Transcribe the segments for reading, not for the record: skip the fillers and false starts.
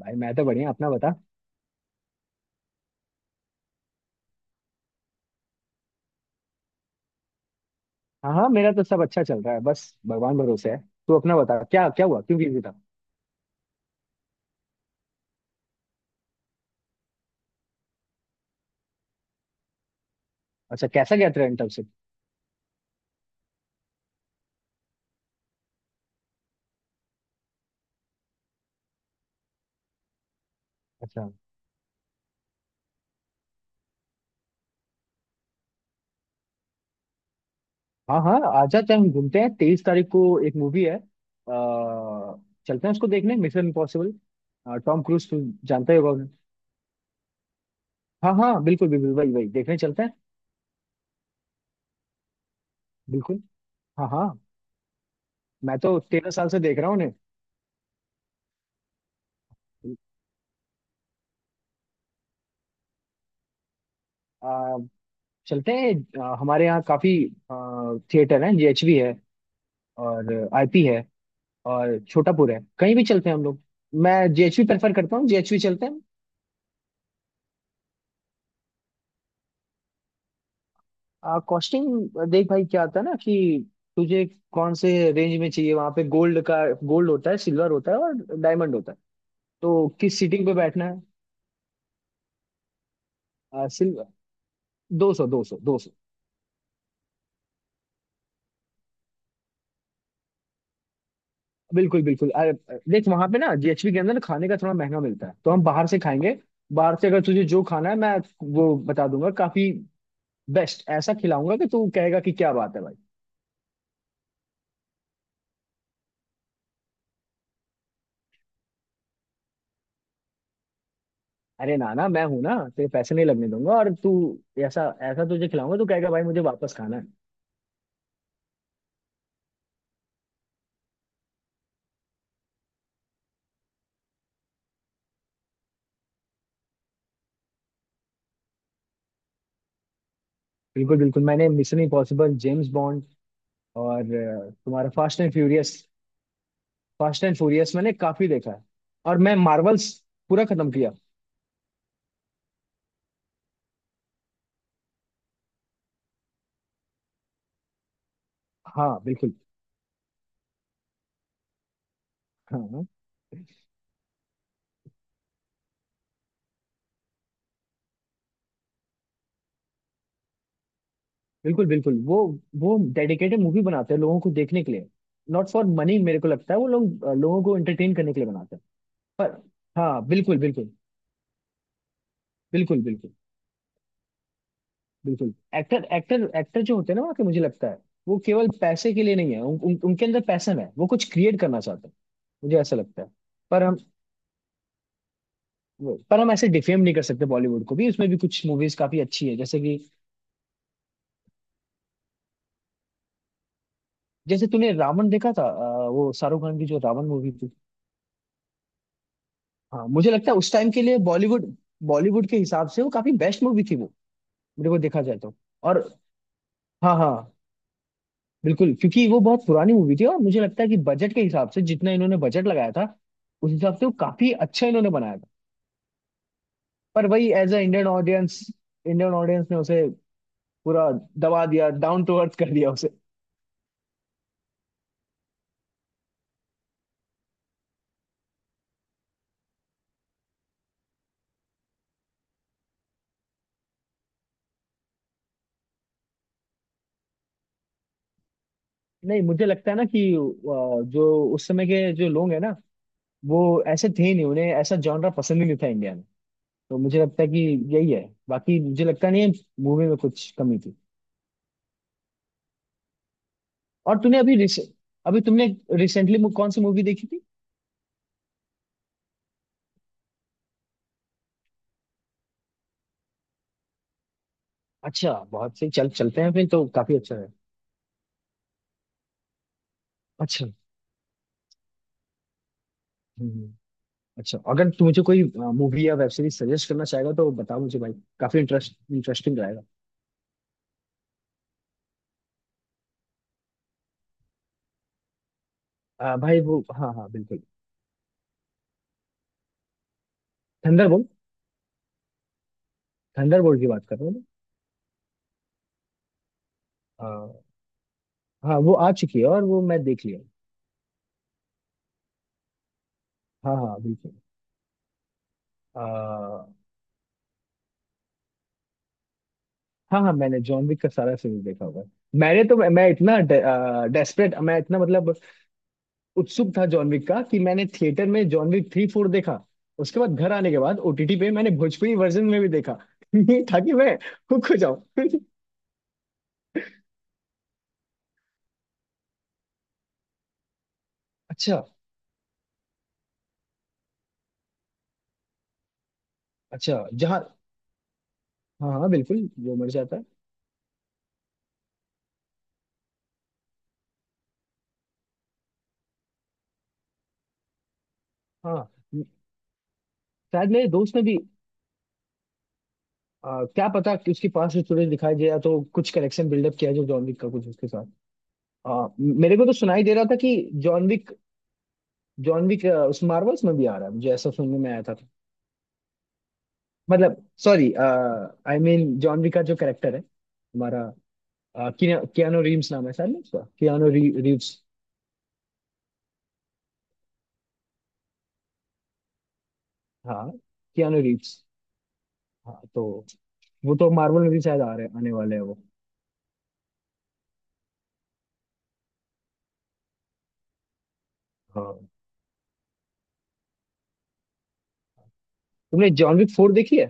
भाई मैं तो बढ़िया अपना बता। हाँ हाँ, मेरा तो सब अच्छा चल रहा है, बस भगवान भरोसे है। तू अपना बता, क्या क्या हुआ, क्यों बिजी था? अच्छा, कैसा गया ट्रेंड तब से? अच्छा। हाँ हाँ, आ जाते हैं, हम घूमते हैं 23 तारीख को। एक मूवी है चलते हैं उसको देखने, मिशन इम्पॉसिबल। टॉम क्रूज तो जानता ही होगा। हाँ हाँ, बिल्कुल बिल्कुल, वही वही देखने चलते हैं। बिल्कुल। हाँ हाँ, मैं तो 13 साल से देख रहा हूँ उन्हें। आ, चलते हैं। हमारे यहाँ काफी थिएटर हैं, जीएचवी है और आईपी है और छोटापुर है, कहीं भी चलते हैं हम लोग। मैं जेएचवी प्रेफर करता हूँ, जेएचवी चलते हैं। कॉस्टिंग देख भाई, क्या आता है ना कि तुझे कौन से रेंज में चाहिए। वहां पे गोल्ड का गोल्ड होता है, सिल्वर होता है और डायमंड होता है। तो किस सीटिंग पे बैठना है, सिल्वर? 200 200 200। बिल्कुल बिल्कुल। अरे, देख वहां पे ना जेएचवी के अंदर ना खाने का थोड़ा महंगा मिलता है, तो हम बाहर से खाएंगे। बाहर से अगर तुझे जो खाना है, मैं वो बता दूंगा। काफी बेस्ट ऐसा खिलाऊंगा कि तू कहेगा कि क्या बात है भाई। अरे नाना, मैं हूं ना, तेरे पैसे नहीं लगने दूंगा। और तू ऐसा ऐसा तुझे खिलाऊंगा, तू कहेगा भाई मुझे वापस खाना है। बिल्कुल बिल्कुल। मैंने मिशन इम्पॉसिबल, जेम्स बॉन्ड और तुम्हारा fast and furious, fast and furious मैंने काफी देखा है। और मैं मार्वल्स पूरा खत्म किया। हाँ बिल्कुल। हाँ हाँ, बिल्कुल बिल्कुल। वो डेडिकेटेड मूवी बनाते हैं लोगों को देखने के लिए, नॉट फॉर मनी। मेरे को लगता है वो लोग लोगों को एंटरटेन करने के लिए बनाते हैं। पर हाँ, बिल्कुल बिल्कुल, बिल्कुल बिल्कुल, बिल्कुल। एक्टर एक्टर एक्टर जो होते हैं ना वहाँ के, मुझे लगता है वो केवल पैसे के लिए नहीं है। उन, उन, उनके अंदर पैशन है, वो कुछ क्रिएट करना चाहते हैं, मुझे ऐसा लगता है। पर हम पर हम ऐसे डिफेम नहीं कर सकते बॉलीवुड को भी, उसमें भी कुछ मूवीज काफी अच्छी है। जैसे कि जैसे तूने रावण देखा था, वो शाहरुख खान की जो रावण मूवी थी। हाँ मुझे लगता है उस टाइम के लिए बॉलीवुड, बॉलीवुड के हिसाब से वो काफी बेस्ट मूवी थी वो, मेरे को देखा जाए तो। और हाँ हाँ, बिल्कुल, क्योंकि वो बहुत पुरानी मूवी थी और मुझे लगता है कि बजट के हिसाब से जितना इन्होंने बजट लगाया था, उस हिसाब से वो काफी अच्छा इन्होंने बनाया था। पर वही, as uh Indian audience, Indian audience ने उसे पूरा दबा दिया, डाउन टू अर्थ कर दिया उसे। नहीं, मुझे लगता है ना कि जो उस समय के जो लोग हैं ना, वो ऐसे थे नहीं, उन्हें ऐसा जॉनरा पसंद ही नहीं था इंडिया में। तो मुझे लगता है कि यही है, बाकी मुझे लगता नहीं है मूवी में कुछ कमी थी। और अभी तुमने रिसेंटली कौन सी मूवी देखी थी? अच्छा बहुत सही, चल चलते हैं फिर, तो काफी अच्छा है। अच्छा। हम्म, हम्म, अच्छा, अगर तू मुझे कोई मूवी या वेब सीरीज सजेस्ट करना चाहेगा तो बता मुझे भाई, काफी इंटरेस्टिंग रहेगा। भाई वो हाँ हाँ, बिल्कुल। थंडरबोल्ट, थंडरबोल्ट की बात कर रहे हो ना? आ, हाँ, वो आ चुकी है और वो मैं देख लिया। हाँ हाँ बिल्कुल। आ, हाँ हाँ, मैंने जॉन विक का सारा सीरीज देखा हुआ है। मैंने तो मैं इतना डेस्परेट, मैं इतना मतलब उत्सुक था जॉन विक का कि मैंने थिएटर में जॉन विक 3 4 देखा। उसके बाद घर आने के बाद ओटीटी पे मैंने भोजपुरी वर्जन में भी देखा ये था कि मैं हुक हो जाऊं। अच्छा अच्छा, जहाँ हाँ हाँ बिल्कुल, जो मर जाता है। हाँ शायद, मेरे दोस्त ने भी क्या पता कि उसके पास स्टोरेज दिखाई दे, या तो कुछ कनेक्शन बिल्डअप किया जो जॉन विक का कुछ उसके साथ। मेरे को तो सुनाई दे रहा था कि जॉन विक जॉन विक उस मार्वल्स में भी आ रहा है, मुझे ऐसा सुनने में आया था। मतलब sorry I mean John Wick का जो कैरेक्टर है हमारा, कियानो रीव्स नाम है शायद ना उसका, रीव्स, हाँ कियानो रीव्स। हाँ तो वो तो मार्वल में भी शायद आ रहे, आने वाले हैं वो। हाँ तुमने जॉन विक 4 देखी है?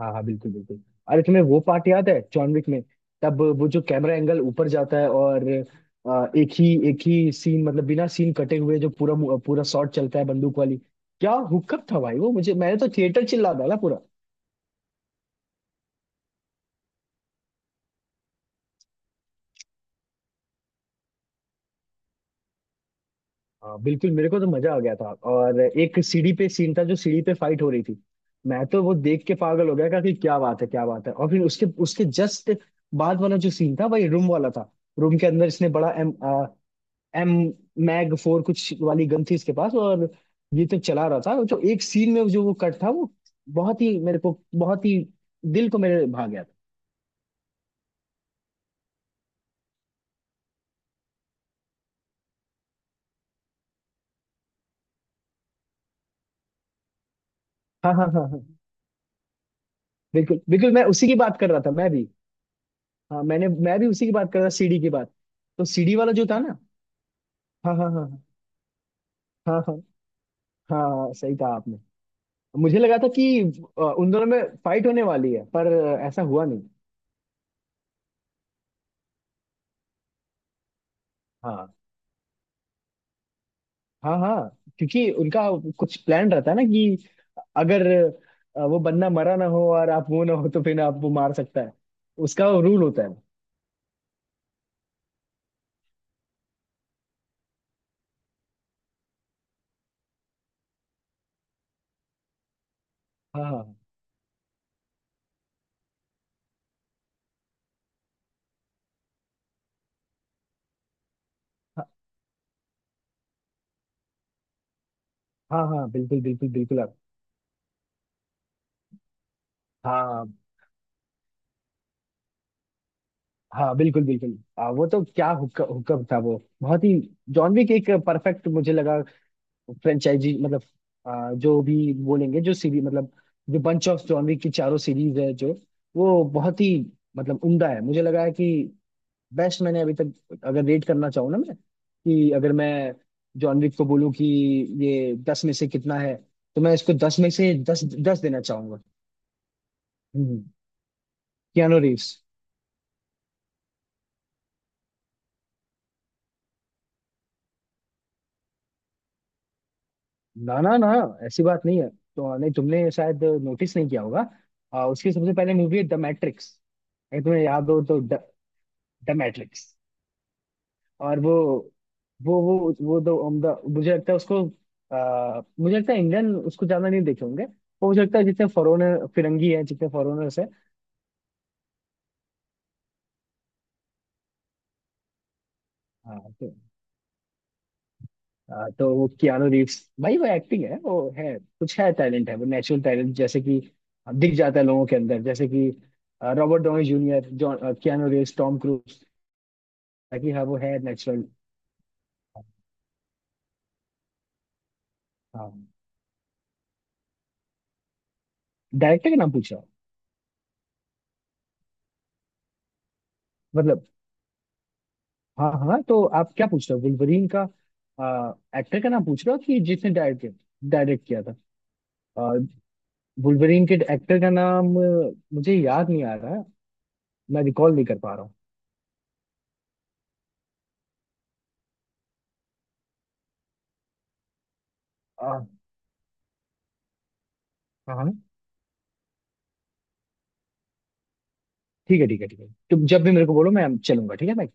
हाँ हाँ बिल्कुल बिल्कुल। अरे तुम्हें वो पार्ट याद है जॉन विक में, तब वो जो कैमरा एंगल ऊपर जाता है और एक ही सीन, मतलब बिना सीन कटे हुए जो पूरा पूरा शॉट चलता है बंदूक वाली। क्या हुक्कप था भाई वो, मुझे मैंने तो थिएटर चिल्ला डाला। हाँ बिल्कुल, मेरे को तो मजा आ गया था। और एक सीढ़ी पे सीन था, जो सीढ़ी पे फाइट हो रही थी, मैं तो वो देख के पागल हो गया था कि क्या बात है, क्या बात है। और फिर उसके उसके जस्ट बाद वाला जो सीन था, वही रूम वाला था। रूम के अंदर इसने बड़ा एम मैग 4 कुछ वाली गन थी इसके पास, और ये तो चला रहा था। जो एक सीन में जो वो कट था, वो बहुत ही, मेरे को बहुत ही दिल को मेरे भा गया था। हाँ हाँ हाँ हाँ, बिल्कुल बिल्कुल, मैं उसी की बात कर रहा था। मैं भी, हाँ मैंने, मैं भी उसी की बात कर रहा था, सीढ़ी की बात। तो सीढ़ी वाला जो था ना, हाँ हाँ हाँ हाँ, हाँ हाँ सही कहा आपने। मुझे लगा था कि उन दोनों में फाइट होने वाली है, पर ऐसा हुआ नहीं। हाँ हाँ हाँ, क्योंकि उनका कुछ प्लान रहता है ना कि अगर वो बंदा मरा ना हो और आप वो ना हो, तो फिर आप वो मार सकता है, उसका रूल होता है। हाँ हाँ हाँ हाँ, हाँ, बिल्कुल बिल्कुल बिल्कुल, आप हाँ हाँ बिल्कुल बिल्कुल। वो तो क्या हुक्का हुक्का था वो, बहुत ही। जॉन विक एक परफेक्ट मुझे लगा फ्रेंचाइजी, मतलब जो भी बोलेंगे, जो सीरीज, मतलब जो बंच ऑफ जॉनरी की चारों सीरीज है जो, वो बहुत ही मतलब उम्दा है। मुझे लगा है कि बेस्ट मैंने अभी तक, अगर रेट करना चाहूँ ना मैं, कि अगर मैं जॉनरी को बोलूँ कि ये 10 में से कितना है, तो मैं इसको 10 में से दस दस देना चाहूंगा। हम्म। कियानो रीव्स, ना ना ना, ऐसी बात नहीं है तो। नहीं तुमने शायद नोटिस नहीं किया होगा, उसकी सबसे पहले मूवी है द मैट्रिक्स। अगर तुम्हें याद हो तो, द मैट्रिक्स। और वो वो दो उम्दा, मुझे लगता है उसको मुझे लगता है इंडियन उसको ज्यादा नहीं देखे होंगे वो, मुझे लगता है जितने फॉरेनर फिरंगी हैं, जितने फॉरेनर्स हैं। हाँ, तो, तो वो कियानो रीव्स भाई, वो एक्टिंग है, वो है, कुछ है, टैलेंट है वो, नेचुरल टैलेंट जैसे कि दिख जाता है लोगों के अंदर। जैसे कि Robert Downey Junior, John Keanu Reeves, Tom Cruise, ताकि हाँ वो है नेचुरल। हाँ, डायरेक्टर का नाम पूछा? मतलब हाँ हाँ, तो आप क्या पूछ रहे हो, वुल्वरीन का एक्टर का नाम पूछ रहे हो कि जिसने डायरेक्ट डायरेक्ट किया था? आ, वुल्वरीन के एक्टर का नाम मुझे याद नहीं आ रहा है, मैं रिकॉल नहीं कर पा रहा हूँ। अ, हाँ हाँ, ठीक है ठीक है ठीक है, तुम जब भी मेरे को बोलो मैं चलूंगा, ठीक है भाई।